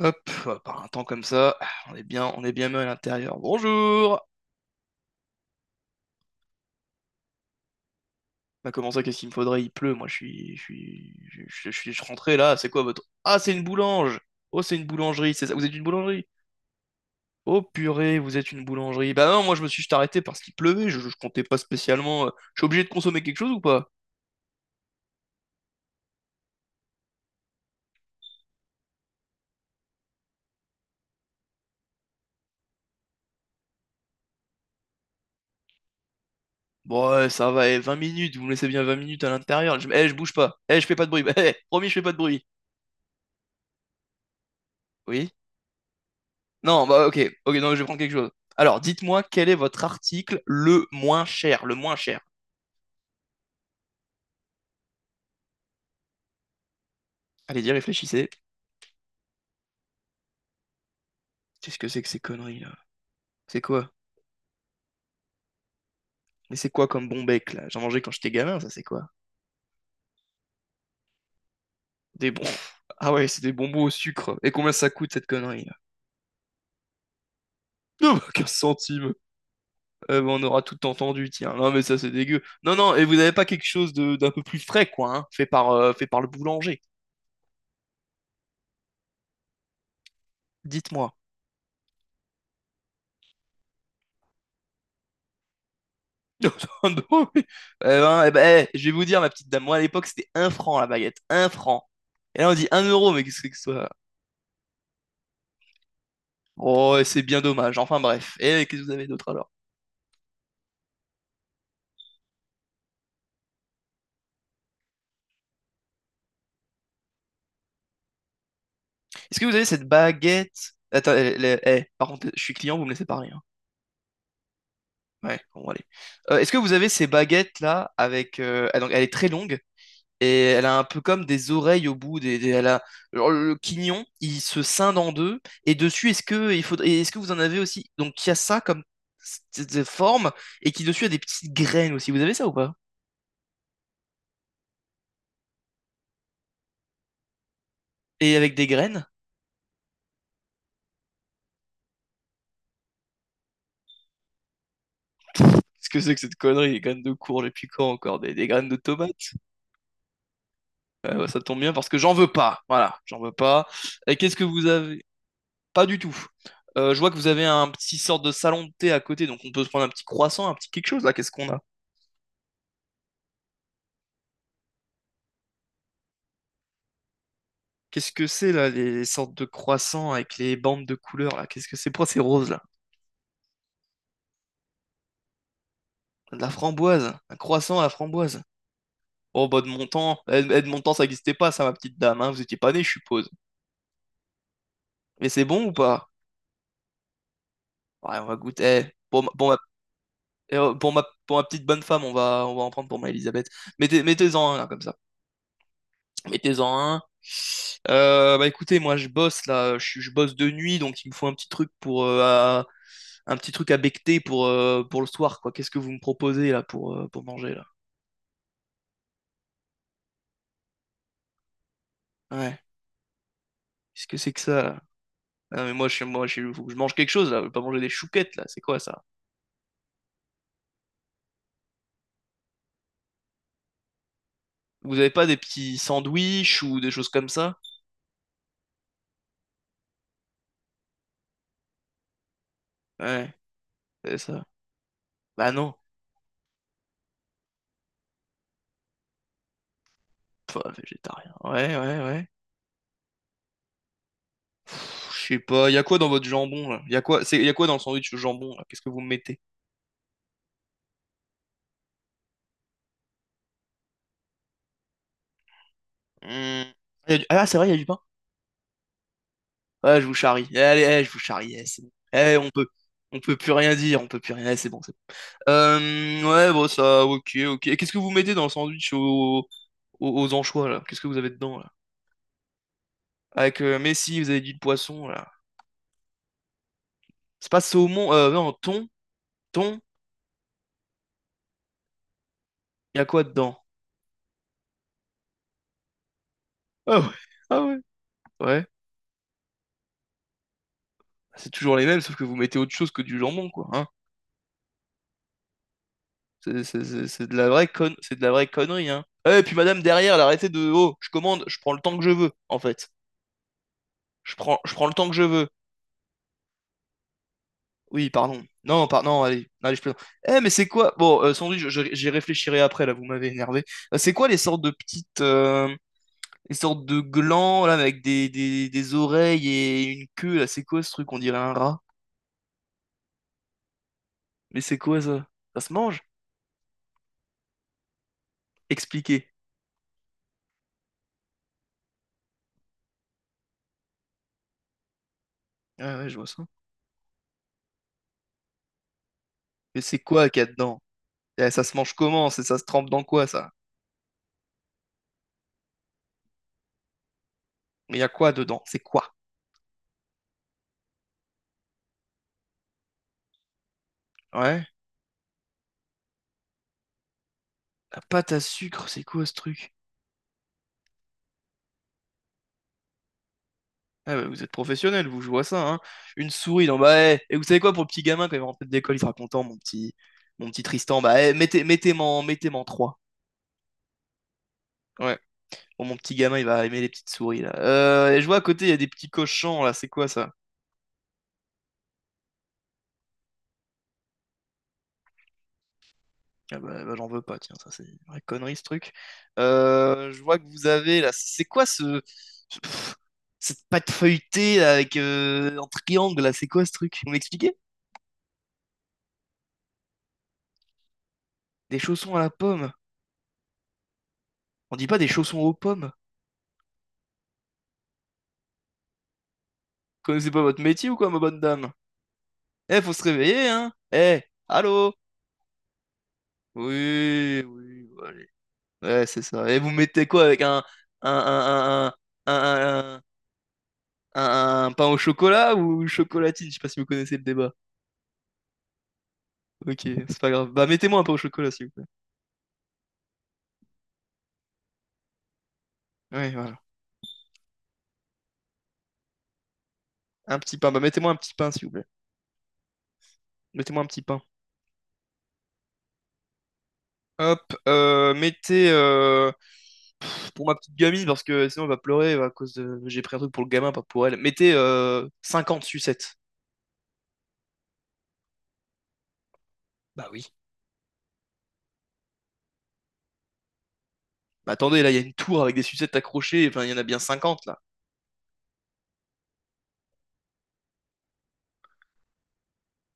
Hop, par un temps comme ça, ah, on est bien mieux à l'intérieur. Bonjour! Bah comment ça, qu'est-ce qu'il me faudrait? Il pleut, moi je suis. Je suis. Je suis je suis rentré là, c'est quoi votre. Ah c'est une boulange! Oh c'est une boulangerie, c'est ça. Vous êtes une boulangerie? Oh purée, vous êtes une boulangerie. Bah non, moi je me suis juste arrêté parce qu'il pleuvait, je comptais pas spécialement. Je suis obligé de consommer quelque chose ou pas? Bon ouais, ça va, eh, 20 minutes, vous me laissez bien 20 minutes à l'intérieur. Je... Eh, je bouge pas. Eh, je fais pas de bruit. Eh, promis, je fais pas de bruit. Oui? Non, bah ok, ok, non, je vais prendre quelque chose. Alors, dites-moi quel est votre article le moins cher, le moins cher. Allez-y, réfléchissez. Qu'est-ce que c'est que ces conneries là? C'est quoi? Mais c'est quoi comme bon bec là? J'en mangeais quand j'étais gamin, ça c'est quoi? Des bons. Ah ouais, c'est des bonbons au sucre. Et combien ça coûte cette connerie là? Non, bah, 15 centimes. Eh ben, on aura tout entendu, tiens. Non, mais ça c'est dégueu. Non, non, et vous avez pas quelque chose de d'un peu plus frais, quoi, hein, fait par le boulanger. Dites-moi. Nintendo, oui. Eh ben, eh ben, eh, je vais vous dire, ma petite dame, moi à l'époque c'était un franc la baguette, un franc. Et là on dit un euro, mais qu'est-ce que c'est que ça? Oh, c'est bien dommage, enfin bref. Et eh, qu'est-ce que vous avez d'autre alors? Est-ce que vous avez cette baguette? Attends, eh, les- eh, par contre, je suis client, vous me laissez parler, hein. Ouais, bon, allez. Est-ce que vous avez ces baguettes là avec. Ah, donc, elle est très longue et elle a un peu comme des oreilles au bout elle a alors, le quignon il se scinde en deux et dessus est-ce que il faudrait est-ce que vous en avez aussi donc il y a ça comme forme et qui dessus a des petites graines aussi vous avez ça ou pas et avec des graines. Qu'est-ce que c'est que cette connerie des graines de courge depuis quand encore des graines de tomates. Bah, ça tombe bien parce que j'en veux pas voilà j'en veux pas et qu'est-ce que vous avez pas du tout. Je vois que vous avez un petit sorte de salon de thé à côté donc on peut se prendre un petit croissant un petit quelque chose là qu'est-ce qu'on a. Qu'est-ce que c'est là, les sortes de croissants avec les bandes de couleurs là? Qu'est-ce que c'est? Pourquoi c'est rose là? De la framboise, un croissant à la framboise. Oh bah de mon temps, eh, eh, de mon temps ça n'existait pas ça ma petite dame, hein, vous étiez pas née je suppose. Mais c'est bon ou pas? Ouais, on va goûter. Eh, pour ma, eh, oh, pour ma petite bonne femme, on va en prendre pour ma Elisabeth. Mettez-en un là comme ça. Mettez-en un. Bah écoutez, moi je bosse là, je bosse de nuit donc il me faut un petit truc pour un petit truc à becter pour le soir, quoi. Qu'est-ce que vous me proposez là pour manger là? Ouais. Qu'est-ce que c'est que ça là? Ah, mais moi, faut que je mange quelque chose là. Je veux pas manger des chouquettes là. C'est quoi ça? Vous avez pas des petits sandwichs ou des choses comme ça? Ouais, c'est ça. Bah non. Pff, végétarien. Ouais, ouais, ouais. Pff, je sais pas. Y a quoi dans votre jambon là? Y a quoi, c'est, y a quoi dans le sandwich au jambon là? Qu'est-ce que vous me mettez? Hum. Ah, c'est vrai, y a du pain. Ouais, je vous charrie. Allez, eh, je vous charrie. Eh, c'est bon. Eh, on peut plus rien dire. On peut plus rien. Eh, c'est bon. Ouais, bon, ça, ok, ok. Et qu'est-ce que vous mettez dans le sandwich aux anchois, là? Qu'est-ce que vous avez dedans, là? Avec Messi, vous avez dit le poisson, là. C'est pas saumon, non, thon, y a quoi dedans? Ah ouais, ah ouais. Ouais, c'est toujours les mêmes, sauf que vous mettez autre chose que du jambon, quoi, hein. C'est de la vraie con... c'est de la vraie connerie, hein. Eh, et puis madame, derrière, elle, arrêtez de... Oh, je commande, je prends le temps que je veux, en fait. Je prends le temps que je veux. Oui, pardon. Non, allez, je plaisante. Eh, mais c'est quoi? Bon, sans doute, j'y réfléchirai après, là, vous m'avez énervé. C'est quoi les sortes de petites... les sortes de glands, là, avec des oreilles et une queue, là, c'est quoi ce truc? On dirait un rat. Mais c'est quoi, ça? Ça se mange? Expliquez. Ah ouais, je vois ça. Mais c'est quoi qu'il y a dedans? Eh, ça se mange comment? C'est- Ça se trempe dans quoi, ça? Mais il y a quoi dedans? C'est quoi? Ouais? La pâte à sucre, c'est quoi ce truc? Ah bah, vous êtes professionnel, vous, je vois ça, hein. Une souris, non, bah, eh. Et vous savez quoi, pour le petit gamin, quand il va rentrer de l'école, il sera content, mon petit Tristan. Bah, eh, mettez-m'en trois. Ouais. Bon, mon petit gamin, il va aimer les petites souris, là. Et je vois à côté, il y a des petits cochons, là, c'est quoi ça? Ah bah, bah, j'en veux pas, tiens, ça, c'est une vraie connerie, ce truc. Je vois que vous avez, là, c'est quoi ce. ce- pff, cette pâte feuilletée, là, avec en triangle, là, c'est quoi ce truc? Vous m'expliquez? Des chaussons à la pomme. On dit pas des chaussons aux pommes. Connaissez pas votre métier ou quoi, ma bonne dame? Eh, faut se réveiller, hein? Eh, allô? Oui, oui, bon, allez. Ouais, c'est ça. Et vous mettez quoi avec un, un, un, un, un, un pain au chocolat ou une chocolatine? Je sais pas si vous connaissez le débat. Ok, c'est pas grave. Bah, mettez-moi un pain au chocolat, s'il vous plaît. Oui, voilà. Un petit pain. Bah, mettez-moi un petit pain, s'il vous plaît. Mettez-moi un petit pain. Hop, mettez pour ma petite gamine parce que sinon elle va pleurer à cause de j'ai pris un truc pour le gamin, pas pour elle. Mettez 50 sucettes. Bah oui. Bah, attendez, là, il y a une tour avec des sucettes accrochées, enfin, il y en a bien 50 là.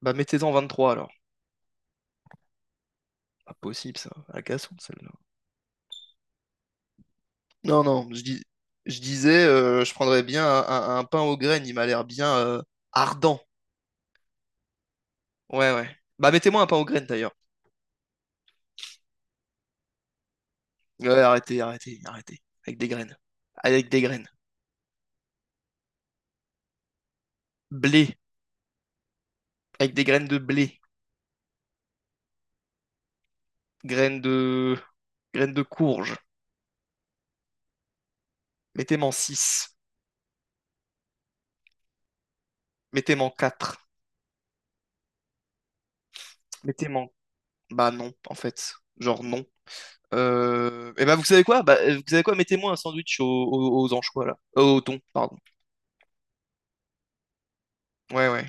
Bah, mettez-en 23 alors. Pas possible, ça. À la cassonne, celle-là. Non, non, je dis... je prendrais bien un pain aux graines, il m'a l'air bien ardent. Ouais, ouais. Bah, mettez-moi un pain aux graines, d'ailleurs. Ouais, arrêtez. Avec des graines. Avec des graines. Blé. Avec des graines de blé. Graines de... Graines de courge. Mettez-moi en 6. Mettez-moi en 4. Mettez-moi... en... Bah, non, en fait. Genre, non. Vous savez quoi? Mettez-moi un sandwich aux anchois là. Au thon, pardon. Ouais, ouais.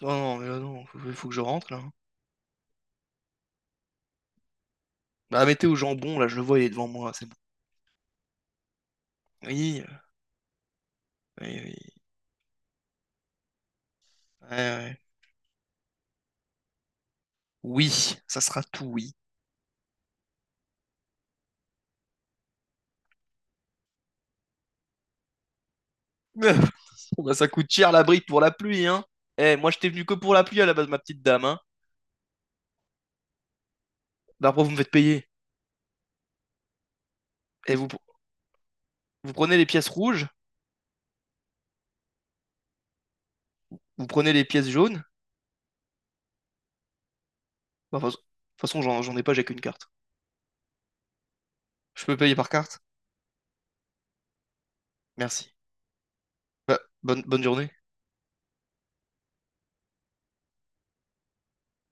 Oh non, mais là non, faut que je rentre là, hein. Bah mettez au jambon, là, je le vois, il est devant moi, c'est bon. Oui, oui, oui. Ouais, ouais. Oui, ça sera tout, oui. Bon, bah, ça coûte cher la brique pour la pluie, hein. Eh, moi j'étais venu que pour la pluie à la base, ma petite dame, hein. Bah après vous me faites payer. Et vous, vous prenez les pièces rouges, vous prenez les pièces jaunes. Bah, de toute façon, j'en ai pas, j'ai qu'une carte. Je peux payer par carte? Merci. Bonne journée.